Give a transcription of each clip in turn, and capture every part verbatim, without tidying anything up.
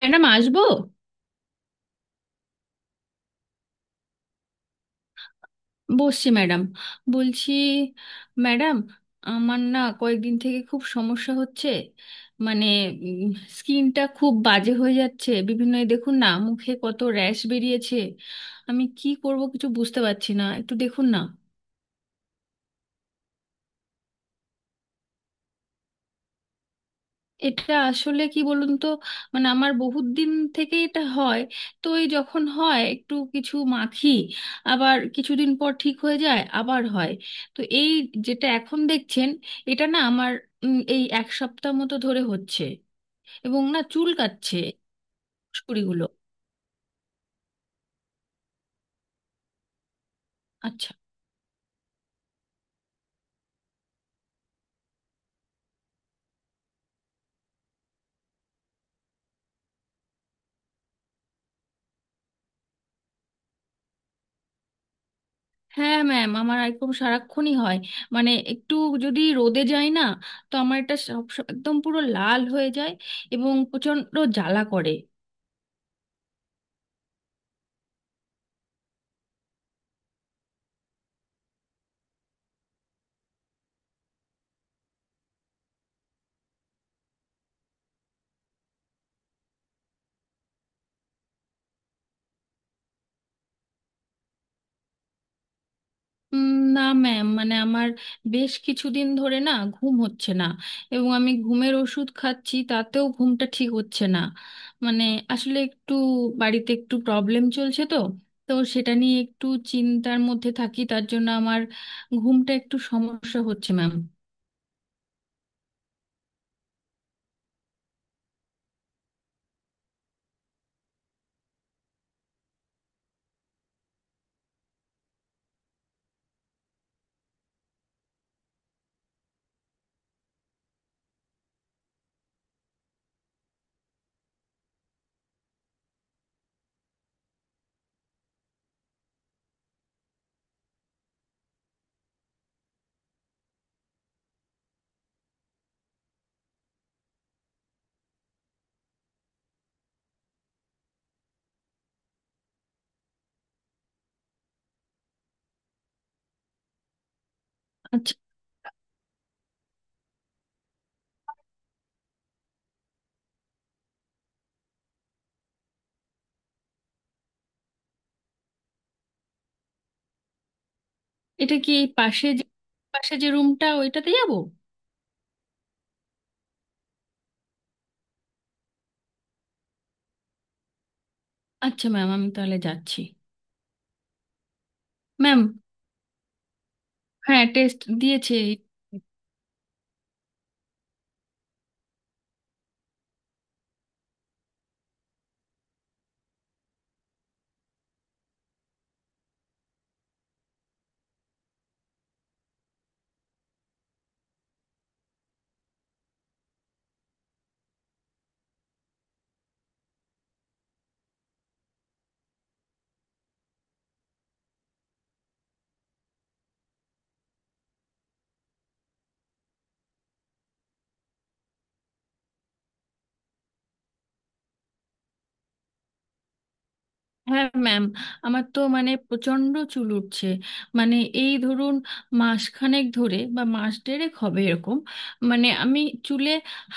Madam আসবো। বসছি madam. বলছি ম্যাডাম, আমার না কয়েকদিন থেকে খুব সমস্যা হচ্ছে। মানে স্কিনটা খুব বাজে হয়ে যাচ্ছে বিভিন্ন, এই দেখুন না মুখে কত র্যাশ বেরিয়েছে। আমি কি করব কিছু বুঝতে পারছি না, একটু দেখুন না। এটা আসলে কি বলুন তো, মানে আমার বহুত দিন থেকে এটা হয়। তো এই যখন হয় একটু কিছু মাখি, আবার কিছুদিন পর ঠিক হয়ে যায়, আবার হয়। তো এই যেটা এখন দেখছেন, এটা না আমার উম, এই এক সপ্তাহ মতো ধরে হচ্ছে এবং না চুল কাচ্ছে সুড়িগুলো। আচ্ছা। হ্যাঁ ম্যাম, আমার একদম সারাক্ষণই হয়। মানে একটু যদি রোদে যায় না, তো আমার এটা সব একদম পুরো লাল হয়ে যায় এবং প্রচণ্ড জ্বালা করে। উম, না ম্যাম, মানে আমার বেশ কিছুদিন ধরে না ঘুম হচ্ছে না, এবং আমি ঘুমের ওষুধ খাচ্ছি তাতেও ঘুমটা ঠিক হচ্ছে না। মানে আসলে একটু বাড়িতে একটু প্রবলেম চলছে তো, তো সেটা নিয়ে একটু চিন্তার মধ্যে থাকি, তার জন্য আমার ঘুমটা একটু সমস্যা হচ্ছে ম্যাম। আচ্ছা। এটা কি এই পাশে যে পাশে যে রুমটা ওইটাতে যাব? আচ্ছা ম্যাম, আমি তাহলে যাচ্ছি। ম্যাম, হ্যাঁ টেস্ট দিয়েছে। হ্যাঁ ম্যাম, আমার তো মানে প্রচণ্ড চুল উঠছে। মানে এই ধরুন মাসখানেক ধরে বা মাস দেড়েক হবে এরকম। মানে আমি চুলে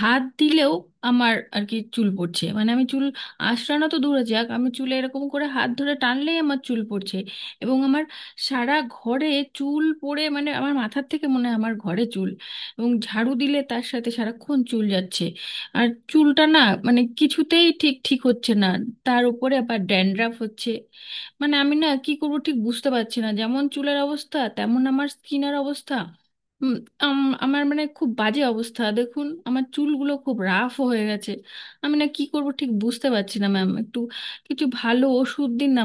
হাত দিলেও আমার আর কি চুল পড়ছে, মানে আমি চুল আঁচড়ানো তো দূরে যাক, আমি চুলে এরকম করে হাত ধরে টানলেই আমার চুল পড়ছে। এবং আমার সারা ঘরে চুল পড়ে, মানে আমার মাথার থেকে মনে হয় আমার ঘরে চুল, এবং ঝাড়ু দিলে তার সাথে সারাক্ষণ চুল যাচ্ছে। আর চুলটা না মানে কিছুতেই ঠিক ঠিক হচ্ছে না। তার উপরে আবার ড্যান্ড্রাফ হচ্ছে। মানে আমি না কি করবো ঠিক বুঝতে পারছি না, যেমন চুলের অবস্থা তেমন আমার স্কিনের অবস্থা। উম, আম- আমার মানে খুব বাজে অবস্থা, দেখুন আমার চুলগুলো খুব রাফ হয়ে গেছে। আমি না কি করবো ঠিক বুঝতে পারছি না ম্যাম, একটু কিছু ভালো ওষুধ দিন না।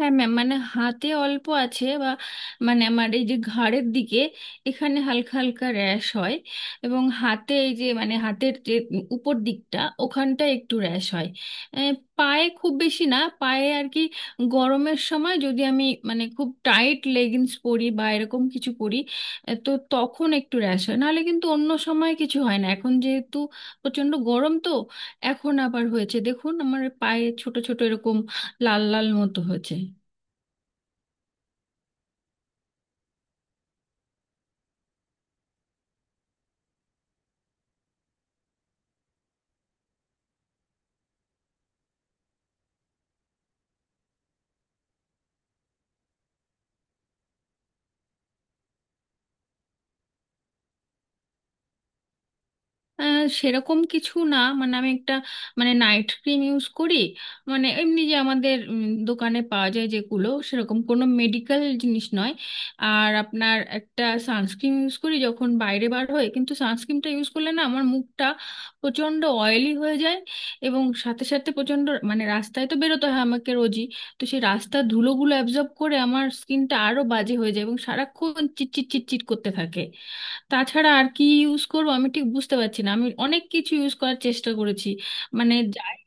হ্যাঁ ম্যাম, মানে হাতে অল্প আছে, বা মানে আমার এই যে ঘাড়ের দিকে এখানে হালকা হালকা র্যাশ হয়, এবং হাতে এই যে মানে হাতের যে উপর দিকটা ওখানটা একটু র্যাশ হয়। আহ, পায়ে খুব বেশি না, পায়ে আর কি গরমের সময় যদি আমি মানে খুব টাইট লেগিংস পরি বা এরকম কিছু পরি, আহ, তো তখন একটু র্যাশ হয়, নাহলে কিন্তু অন্য সময় কিছু হয় না। এখন যেহেতু প্রচণ্ড গরম তো এখন আবার হয়েছে, দেখুন আমার পায়ে ছোট ছোট এরকম লাল লাল মতো হয়েছে। আহ, সেরকম কিছু না, মানে আমি একটা মানে নাইট ক্রিম ইউজ করি, মানে এমনি যে আমাদের উম, দোকানে পাওয়া যায় যেগুলো, সেরকম কোনো মেডিকেল জিনিস নয়। আর আপনার একটা সানস্ক্রিন ইউজ করি যখন বাইরে বার হই, কিন্তু সানস্ক্রিনটা ইউজ করলে না আমার মুখটা প্রচণ্ড অয়েলি হয়ে যায়, এবং সাথে সাথে প্রচণ্ড মানে রাস্তায় তো বেরোতে হয় আমাকে রোজই, তো সেই রাস্তার ধুলোগুলো অ্যাবজর্ব করে আমার স্কিনটা আরও বাজে হয়ে যায় এবং সারাক্ষণ চিটচিট চিটচিট করতে থাকে। তাছাড়া আর কি ইউজ করবো আমি ঠিক বুঝতে পারছি না, আমি অনেক কিছু ইউজ করার চেষ্টা করেছি। মানে যাই-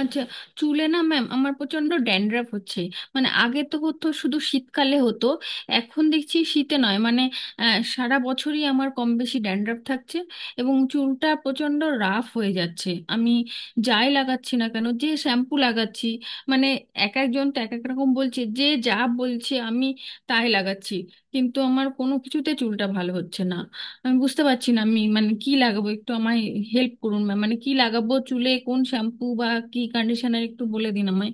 আচ্ছা। চুলে না ম্যাম, আমার প্রচন্ড ড্যান্ড্রাফ হচ্ছে। মানে আগে তো হতো শুধু শীতকালে হতো, এখন দেখছি শীতে নয় মানে আহ, সারা বছরই আমার কম বেশি ড্যান্ড্রাফ থাকছে, এবং চুলটা প্রচন্ড রাফ হয়ে যাচ্ছে। আমি যাই লাগাচ্ছি না কেন, যে শ্যাম্পু লাগাচ্ছি, মানে এক একজন তো এক এক রকম বলছে, যে যা বলছে আমি তাই লাগাচ্ছি, কিন্তু আমার কোনো কিছুতে চুলটা ভালো হচ্ছে না। আমি বুঝতে পারছি না আমি মানে কি লাগাবো, একটু আমায় হেল্প করুন ম্যাম, মানে কি লাগাবো চুলে, কোন শ্যাম্পু বা কি কন্ডিশনার একটু বলে দিন আমায়।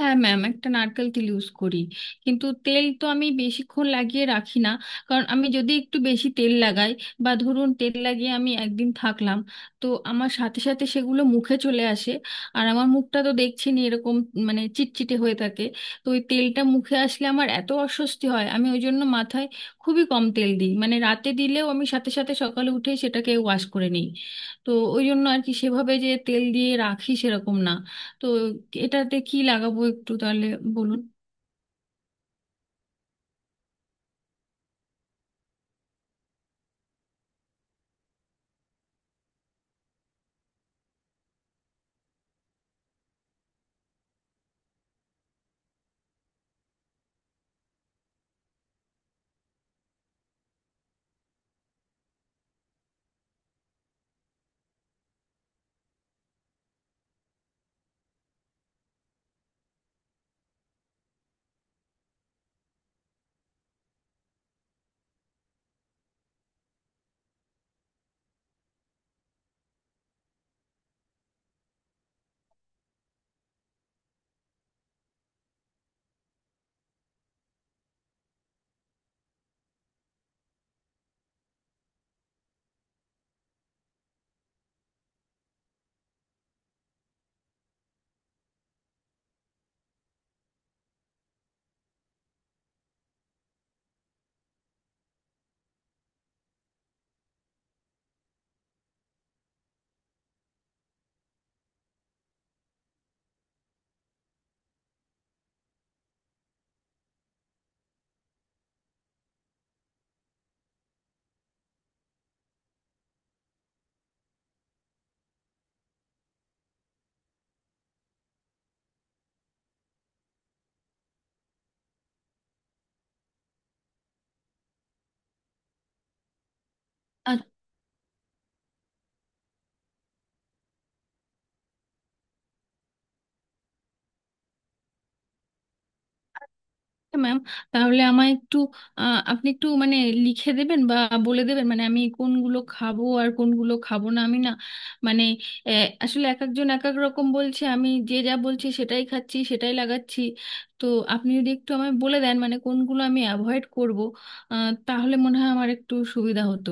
হ্যাঁ ম্যাম, একটা নারকেল তেল ইউজ করি, কিন্তু তেল তো আমি বেশিক্ষণ লাগিয়ে রাখি না। কারণ আমি যদি একটু বেশি তেল লাগাই, বা ধরুন তেল লাগিয়ে আমি একদিন থাকলাম, তো আমার সাথে সাথে সেগুলো মুখে চলে আসে। আর আমার মুখটা তো দেখছেনই এরকম মানে চিটচিটে হয়ে থাকে, তো ওই তেলটা মুখে আসলে আমার এত অস্বস্তি হয়, আমি ওই জন্য মাথায় খুবই কম তেল দিই, মানে রাতে দিলেও আমি সাথে সাথে সকালে উঠেই সেটাকে ওয়াশ করে নিই। তো ওই জন্য আর কি সেভাবে যে তেল দিয়ে রাখি সেরকম না। তো এটাতে কি লাগাবো একটু তাহলে বলুন। আচ্ছা ম্যাম, তাহলে আমায় একটু আহ, আপনি একটু মানে লিখে দেবেন বা বলে দেবেন, মানে আমি কোনগুলো খাবো আর কোনগুলো খাবো না। আমি না মানে আহ, আসলে এক একজন এক এক রকম বলছে, আমি যে যা বলছি সেটাই খাচ্ছি সেটাই লাগাচ্ছি। তো আপনি যদি একটু আমায় বলে দেন মানে কোনগুলো আমি অ্যাভয়েড করবো, আহ, তাহলে মনে হয় আমার একটু সুবিধা হতো।